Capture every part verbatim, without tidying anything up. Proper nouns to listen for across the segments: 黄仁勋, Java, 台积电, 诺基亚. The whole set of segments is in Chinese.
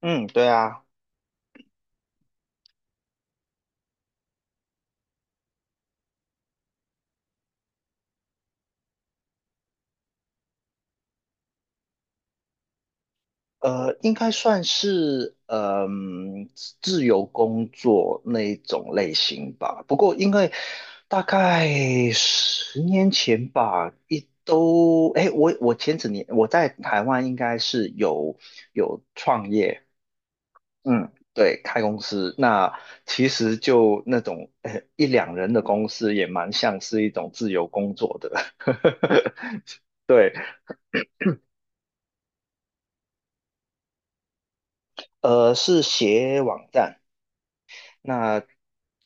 嗯，对啊。呃，应该算是嗯、自由工作那一种类型吧。不过因为大概十年前吧，一都哎，我我前几年我在台湾应该是有有创业。嗯，对，开公司。那其实就那种呃一两人的公司，也蛮像是一种自由工作的。对。呃，是写网站。那。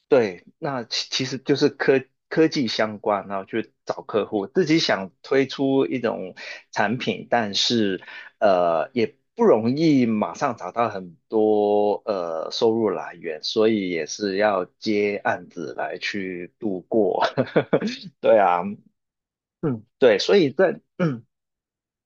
对，那其其实就是科科技相关，然后去找客户，自己想推出一种产品。但是呃也不容易马上找到很多呃收入来源，所以也是要接案子来去度过。对啊。嗯，对，所以在嗯。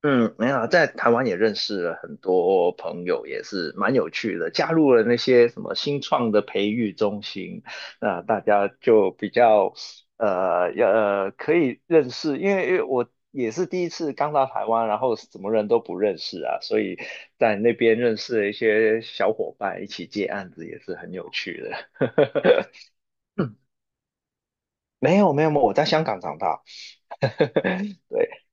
嗯，没有啊，在台湾也认识了很多朋友，也是蛮有趣的。加入了那些什么新创的培育中心，那大家就比较呃要呃可以认识。因为因为我也是第一次刚到台湾，然后什么人都不认识啊，所以在那边认识了一些小伙伴，一起接案子也是很有趣的。嗯，没有没有没有，我在香港长大。对。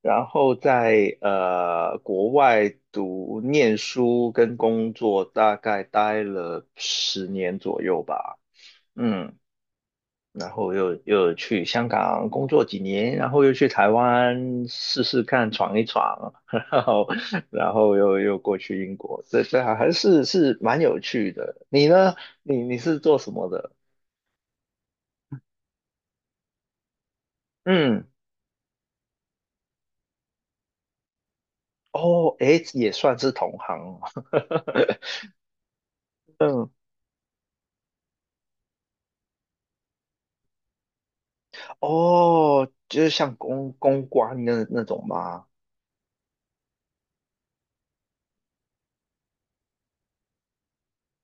然后在呃国外读念书跟工作，大概待了十年左右吧。嗯，然后又又去香港工作几年，然后又去台湾试试看闯一闯，然后然后又又过去英国。这这还是是蛮有趣的。你呢？你你是做什么的？嗯，哦，诶，也算是同行嗯。哦，就是像公公关那那种吗？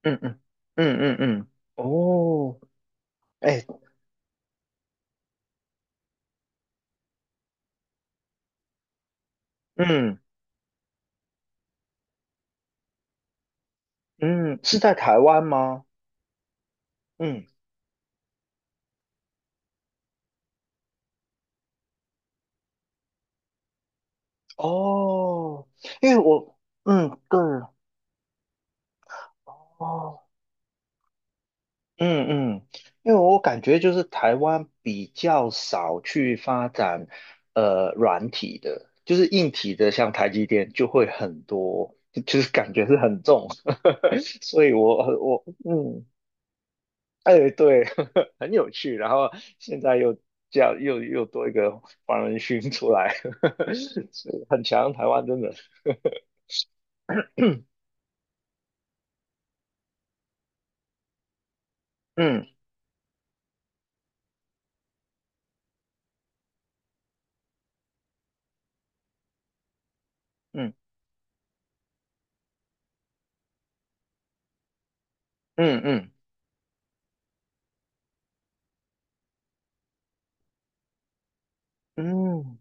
嗯嗯嗯嗯嗯，哦，哎，嗯嗯，是在台湾吗？嗯，哦，因为我，嗯，对，哦，嗯嗯。因为我感觉就是台湾比较少去发展呃软体的，就是硬体的，像台积电就会很多，就就是感觉是很重。所以我我嗯。哎，对，很有趣。然后现在又这样，又又多一个黄仁勋出来。是很强。台湾真的，嗯嗯嗯嗯嗯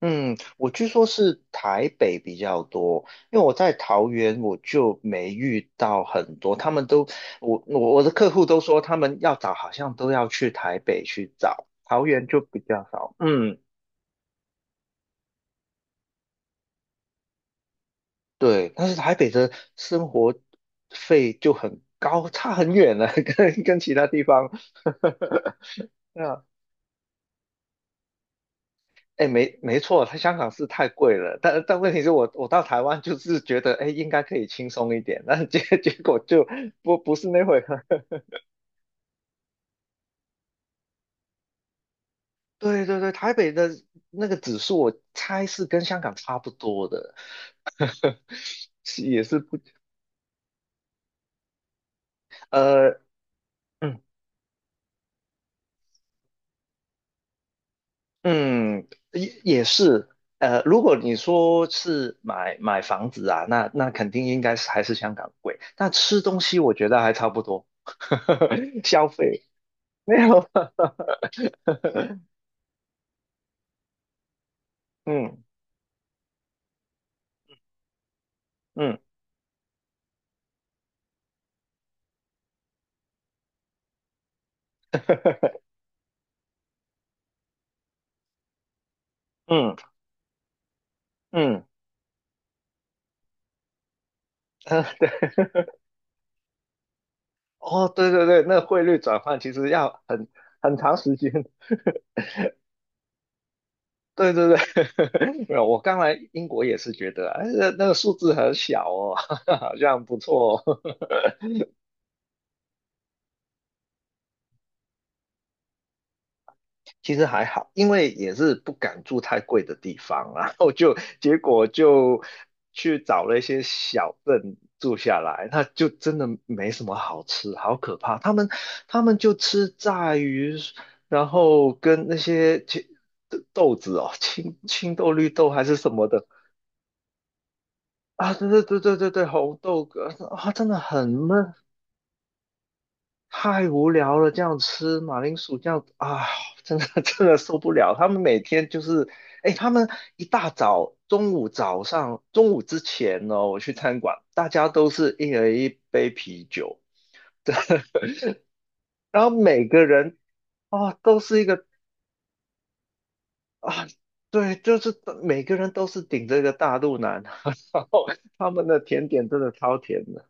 嗯，我据说是台北比较多。因为我在桃园我就没遇到很多。他们都我我我的客户都说他们要找好像都要去台北去找，桃园就比较少。嗯。对，但是台北的生活费就很高，差很远了，跟跟其他地方。对啊，哎，没没错，它香港是太贵了，但但问题是我我到台湾就是觉得，哎，应该可以轻松一点。但结 结果就不不是那回事。对对对，台北的那个指数，我猜是跟香港差不多的。是也是不呃。嗯嗯，也也是，呃，如果你说是买买房子啊，那那肯定应该是还是香港贵。那吃东西我觉得还差不多，消费没有。嗯嗯嗯嗯，呃对，哦，对对对，那汇率转换其实要很很长时间。对对对，没有，我刚来英国也是觉得，哎，那那个数字很小哦，好像不错哦。其实还好，因为也是不敢住太贵的地方啊，然后就结果就去找了一些小镇住下来。那就真的没什么好吃，好可怕。他们他们就吃炸鱼，然后跟那些青豆子哦，青青豆、绿豆还是什么的啊，对对对对对对。红豆呃啊，真的很闷，太无聊了，这样吃马铃薯这样啊。真的 真的受不了。他们每天就是，哎，他们一大早、中午、早上、中午之前呢，我去餐馆，大家都是一人一杯啤酒，然后每个人啊都是一个啊。对，就是每个人都是顶着一个大肚腩。然后他们的甜点真的超甜的。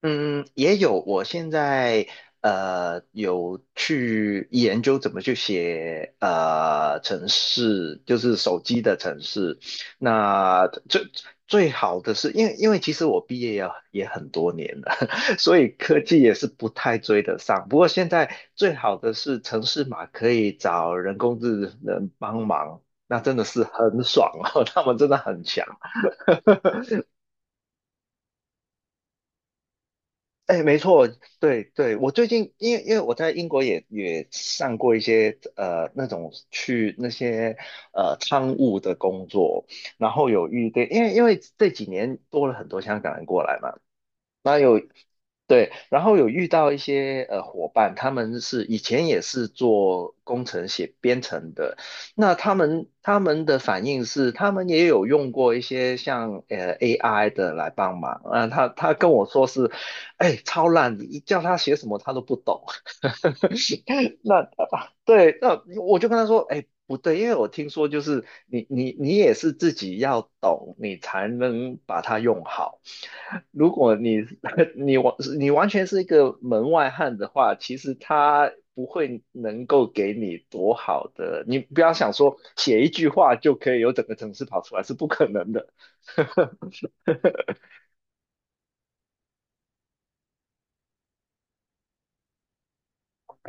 嗯，也有。我现在呃有去研究怎么去写呃城市，就是手机的城市。那最最好的是，因为因为其实我毕业也也很多年了，所以科技也是不太追得上。不过现在最好的是城市码可以找人工智能帮忙，那真的是很爽哦，他们真的很强。哎，没错，对对，我最近因为因为我在英国也也上过一些呃那种去那些呃仓务的工作，然后有遇对。因为因为这几年多了很多香港人过来嘛。对，然后有遇到一些呃伙伴，他们是以前也是做工程写编程的。那他们他们的反应是，他们也有用过一些像呃 A I 的来帮忙。啊、他他跟我说是，哎，超烂，你叫他写什么他都不懂。那。对，那我就跟他说，哎，不对。因为我听说就是你你你也是自己要懂，你才能把它用好。如果你 你完你完全是一个门外汉的话，其实他不会能够给你多好的。你不要想说写一句话就可以有整个城市跑出来，是不可能的。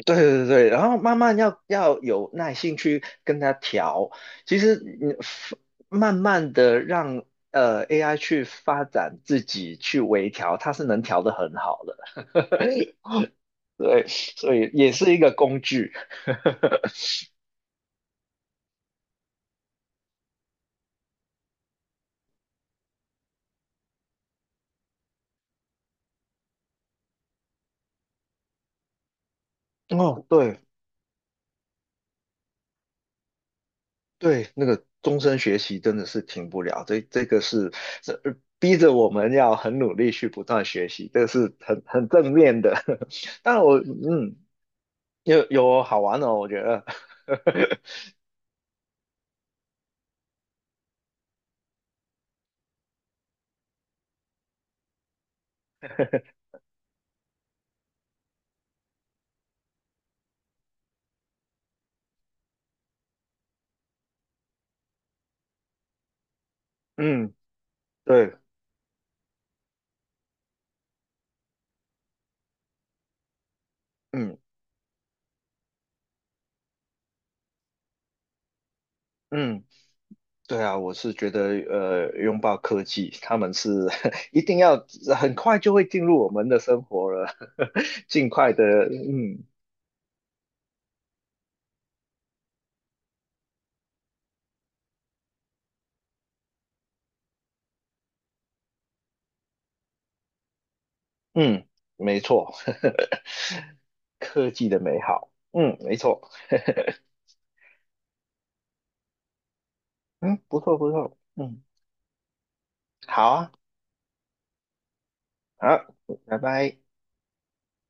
对对对，然后慢慢要要有耐心去跟他调。其实你慢慢的让呃 A I 去发展自己去微调，它是能调得很好的。对，所以也是一个工具。哦，对对，那个终身学习真的是停不了。这这个是这逼着我们要很努力去不断学习，这是很很正面的。但我嗯，有有好玩的哦，我觉得。嗯。对，嗯嗯，对啊。我是觉得呃，拥抱科技，他们是 一定要很快就会进入我们的生活了。尽快的。嗯嗯，没错。科技的美好，嗯，没错，嗯，不错不错，嗯，好啊，好，拜拜。